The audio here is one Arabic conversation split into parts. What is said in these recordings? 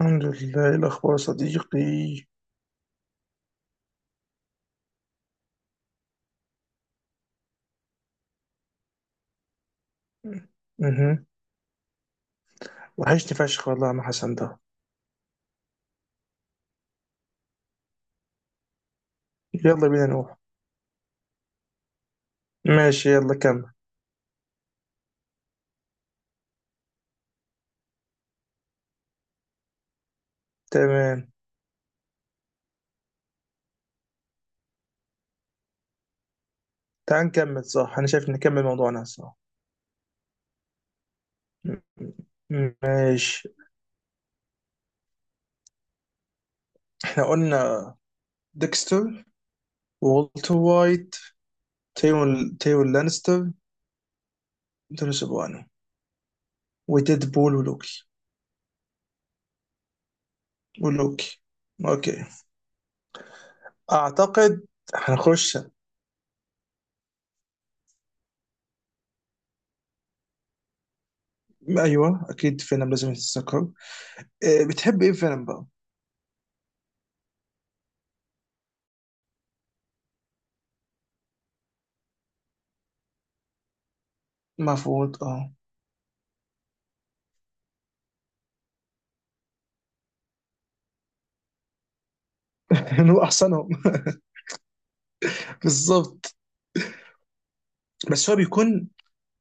الحمد لله، إيه الأخبار يا صديقي؟ مهم. وحشني فشخ والله يا عم حسن ده. يلا بينا نروح. ماشي يلا كمل. تمام. تعال نكمل، صح؟ أنا شايف نكمل موضوعنا صح. م- ماشي. احنا قلنا ديكستر، وولتر وايت، تيون لانستر، دون سوبرانو، وديد بول ولوكي. ولوكي. اوكي. اعتقد هنخش. ايوه اكيد فينم لازم يتذكر. إيه، بتحب ايه فينم بقى؟ المفروض اه. هو احسنهم بالظبط. بس هو بيكون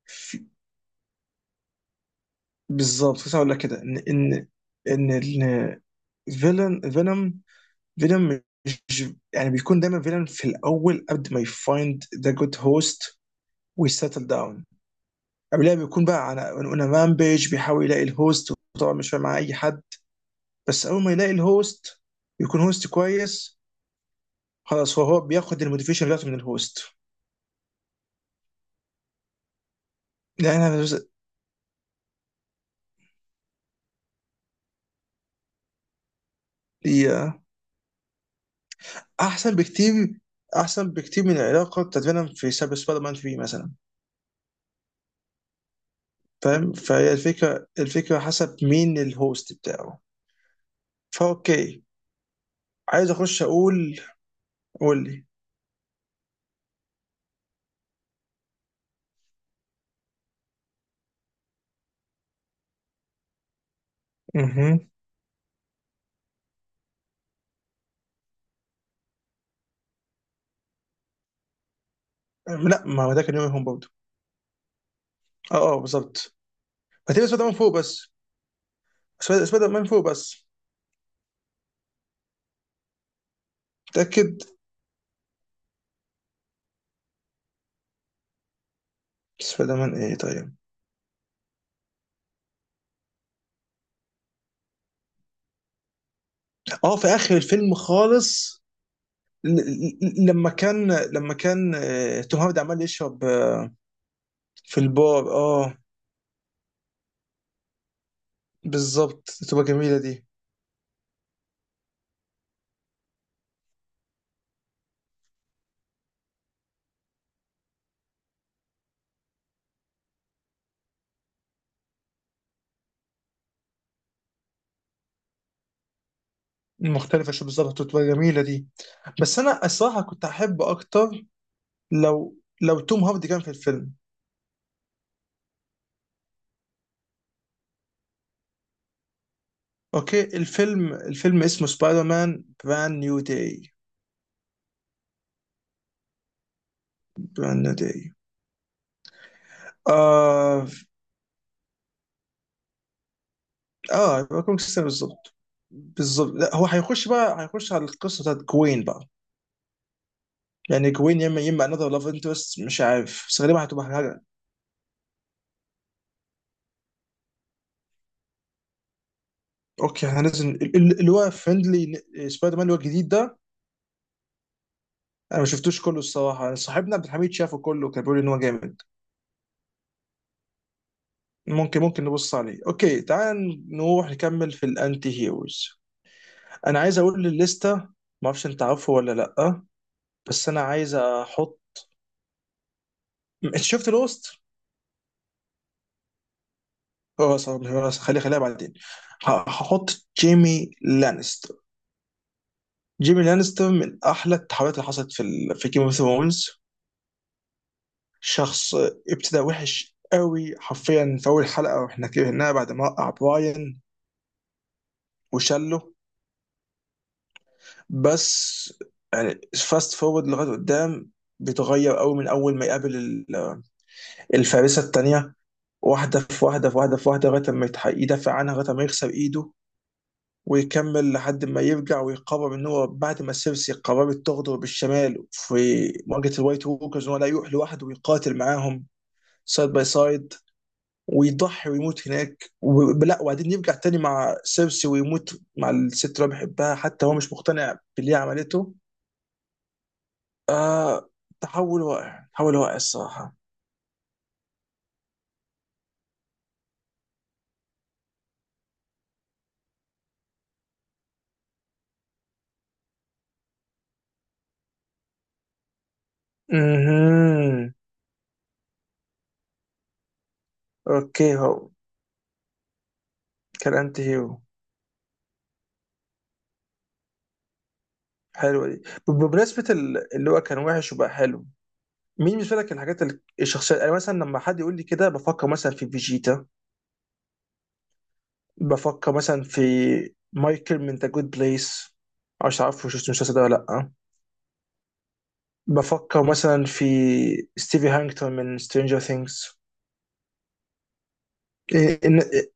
في- بالظبط كنت هقول لك كده ان ان ال- فيلن فينوم. فينوم مش يعني بيكون دايما فيلن في الاول قبل ما يفايند ذا جود هوست ويسيتل داون. قبلها بيكون بقى على اون رامبيج بيحاول يلاقي الهوست، وطبعا مش فاهم مع اي حد. بس اول ما يلاقي الهوست يكون هوست كويس، خلاص. هو بياخد الموتيفيشن بتاعته من الهوست يعني. احسن بكتير. احسن بكتير من العلاقه بتاعت فينوم في سبايدر مان 3 مثلا. فاهم؟ فهي الفكره حسب مين الهوست بتاعه. فاوكي، عايز اخش اقول. قول لي. مهم. لا، ما هو ده كان يوم هوم برضه. اه اه بالظبط. هتبقى سبايدر مان فوق بس. سبايدر مان فوق بس. متاكد؟ سبايدر مان ايه طيب؟ اه في اخر الفيلم خالص. لما كان توم هاردي عمال يشرب، في البار اه. بالظبط، تبقى جميله دي. مختلفة شو بالظبط، وتبقى جميلة دي. بس أنا الصراحة كنت أحب أكتر لو لو توم هاردي كان في الفيلم. أوكي، الفيلم اسمه سبايدر مان براند نيو داي. براند نيو داي. آه. آه، يبقى كون سيستم بالظبط. بالظبط، لا هو هيخش بقى، هيخش على القصة بتاعت جوين بقى. يعني جوين يا إما، يا إما another لاف انترست مش عارف، بس غالبا هتبقى حاجة. أوكي، احنا لازم اللي هو فريندلي سبايدر مان، اللي هو الجديد ده. أنا ما شفتوش كله الصراحة، صاحبنا عبد الحميد شافه كله، كان بيقول إن هو جامد. ممكن نبص عليه. اوكي، تعال نروح نكمل في الانتي هيروز. انا عايز اقول للستة، ما اعرفش انت عارفه ولا لا، بس انا عايز احط. انت شفت لوست؟ اه صح. خليها بعدين. هحط جيمي لانستر. جيمي لانستر من احلى التحولات اللي حصلت في جيم اوف ثرونز. شخص ابتدى وحش قوي، حرفيا في اول حلقه، واحنا كرهناه بعد ما وقع براين وشله. بس يعني فاست فورورد لغايه قدام، بيتغير قوي من اول ما يقابل الفارسه الثانيه، واحده في واحده في واحده في واحده لغايه ما يدافع عنها لغايه ما يكسر ايده، ويكمل لحد ما يرجع ويقرر ان هو بعد ما سيرسي قررت تغدر بالشمال في مواجهه الوايت ووكرز، هو لا، يروح لوحده ويقاتل معاهم سايد باي سايد، ويضحي ويموت هناك. و- لا، وبعدين يرجع تاني مع سيرسي ويموت مع الست اللي هو بيحبها، حتى هو مش مقتنع باللي هي عملته. آه. تحول واقع الصراحة. امم. اوكي هو كان انت هيرو. حلوة دي. بمناسبة اللي هو كان وحش وبقى حلو، مين بالنسبة لك الحاجات الشخصية؟ يعني مثلا لما حد يقول لي كده بفكر مثلا في فيجيتا. بفكر مثلا في مايكل من ذا جود بليس، مش عارف شفت المسلسل ده ولا لأ. بفكر مثلا في ستيفي هانكتون من سترينجر ثينجز.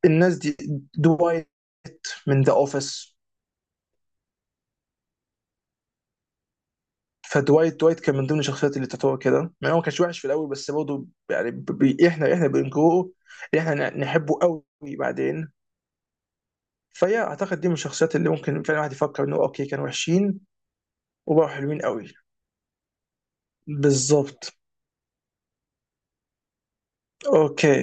الناس دي. دوايت من ذا اوفيس. فدوايت. دوايت كان من ضمن الشخصيات اللي تعتبر كده، يعني هو ما كانش وحش في الاول، بس برضه يعني احنا بنجوه، احنا نحبه قوي بعدين. فهي اعتقد دي من الشخصيات اللي ممكن فعلا الواحد يفكر انه اوكي، كانوا وحشين وبقوا حلوين قوي. بالظبط. اوكي.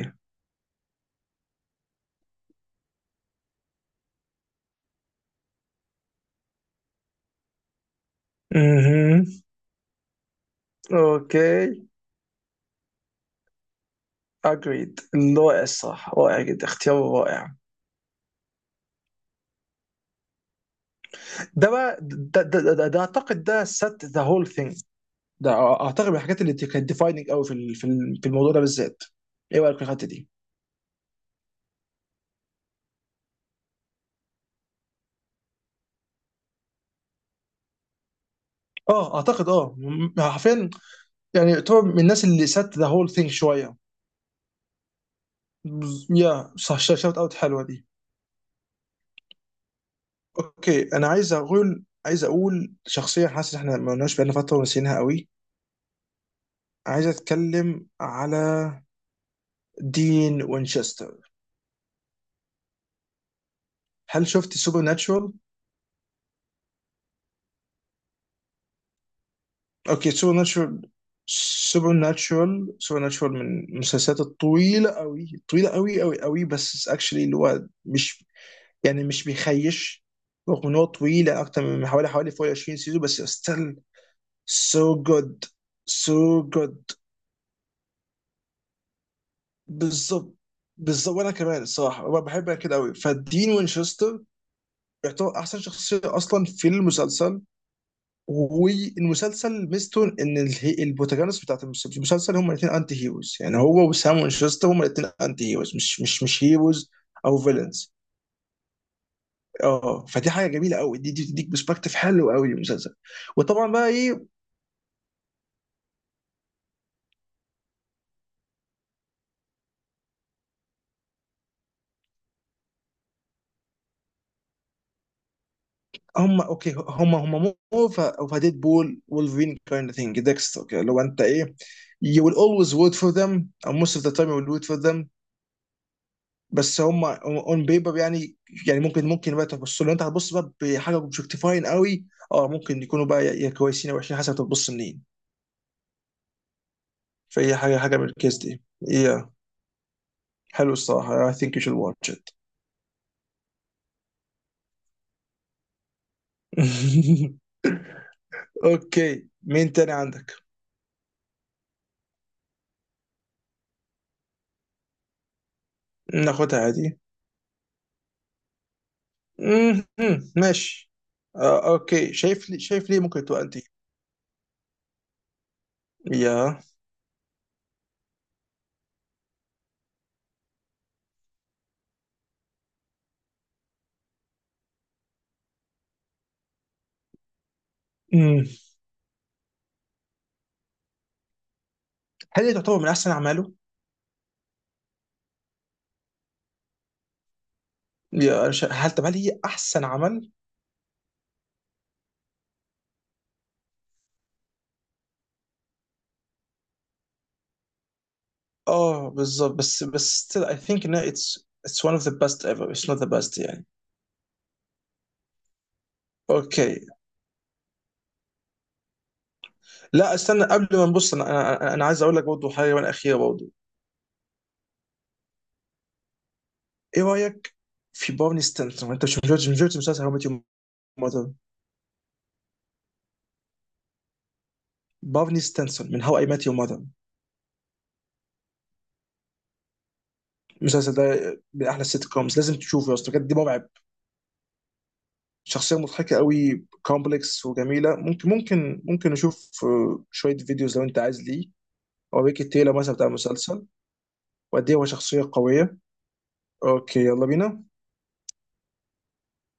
اها. اوكي. اجريد. رائع الصراحه، رائع جدا، اختيار رائع. ده بقى ده اعتقد ده set the whole thing. ده اعتقد من الحاجات اللي كانت defining قوي في الموضوع ده بالذات. ايه رايك في الحته دي؟ اه اعتقد اه، حرفيا يعني، يعتبر من الناس اللي سات ذا هول ثينج شويه. يا صح، شوت اوت حلوه دي. اوكي، انا عايز اقول شخصيه حاسس إن احنا ما قلناش بقالنا فتره ونسيناها قوي. عايز اتكلم على دين وينشستر. هل شفت سوبر ناتشورال؟ اوكي، سوبر ناتشورال. سوبر ناتشورال من المسلسلات الطويله قوي، طويله قوي قوي، بس اكشلي اللي هو مش يعني مش بيخيش، رغم ان هو طويله اكتر من حوالي فوق 20 سيزون، بس ستيل سو جود. سو جود. بالظبط. بالظبط، وانا كمان الصراحه أنا بحبها كده قوي. فدين وينشستر يعتبر احسن شخصيه اصلا في المسلسل، والمسلسل ميزته ان البروتاغونست بتاعت المسلسل هم الاثنين انتي هيروز، يعني هو وسام وينشستر هم الاثنين انتي هيروز، مش هيروز او فيلنز. اه فدي حاجه جميله قوي، دي تديك برسبكتيف حلو قوي للمسلسل. وطبعا بقى ايه، هم اوكي، هم مو اوف ديد بول وولفرين كايند ثينج، ديكستر كده. لو انت ايه، you will always root for them, or most of the time you will root for them. بس هم on paper يعني، يعني ممكن، بقى تبص لو انت هتبص بقى بحاجه اوبجكتيفاين قوي، اه ممكن يكونوا بقى يا كويسين او وحشين حسب تبص منين. فهي حاجه من الكيس دي. yeah. حلو الصراحه، I think you should watch it. اوكي مين تاني عندك؟ ناخدها عادي. مهم. ماشي. اوكي، شايف لي، شايف ليه ممكن تبقى انت. يا. مم. هل هي تعتبر من احسن اعماله؟ يا أنا هل طب هل هي احسن عمل؟ اه بالظبط، بس بس still I think ان it's one of the best ever, it's not the best يعني. اوكي. لا استنى قبل ما نبص انا. أنا عايز اقول لك برضه حاجه وانا اخيره برضه. ايه رايك في بارني ستانسون؟ انت مش مسلسل هاو ميت يور ماذر؟ بارني ستانسون من هاو اي مات يور ماذر. المسلسل ده من احلى السيت كومز، لازم تشوفه يا اسطى، بجد مرعب. شخصية مضحكة قوي، كومبلكس وجميلة. ممكن ممكن نشوف شوية فيديوز لو انت عايز ليه، او ريكي تايلر مثلا بتاع المسلسل، وقد ايه هو شخصية قوية. اوكي يلا بينا.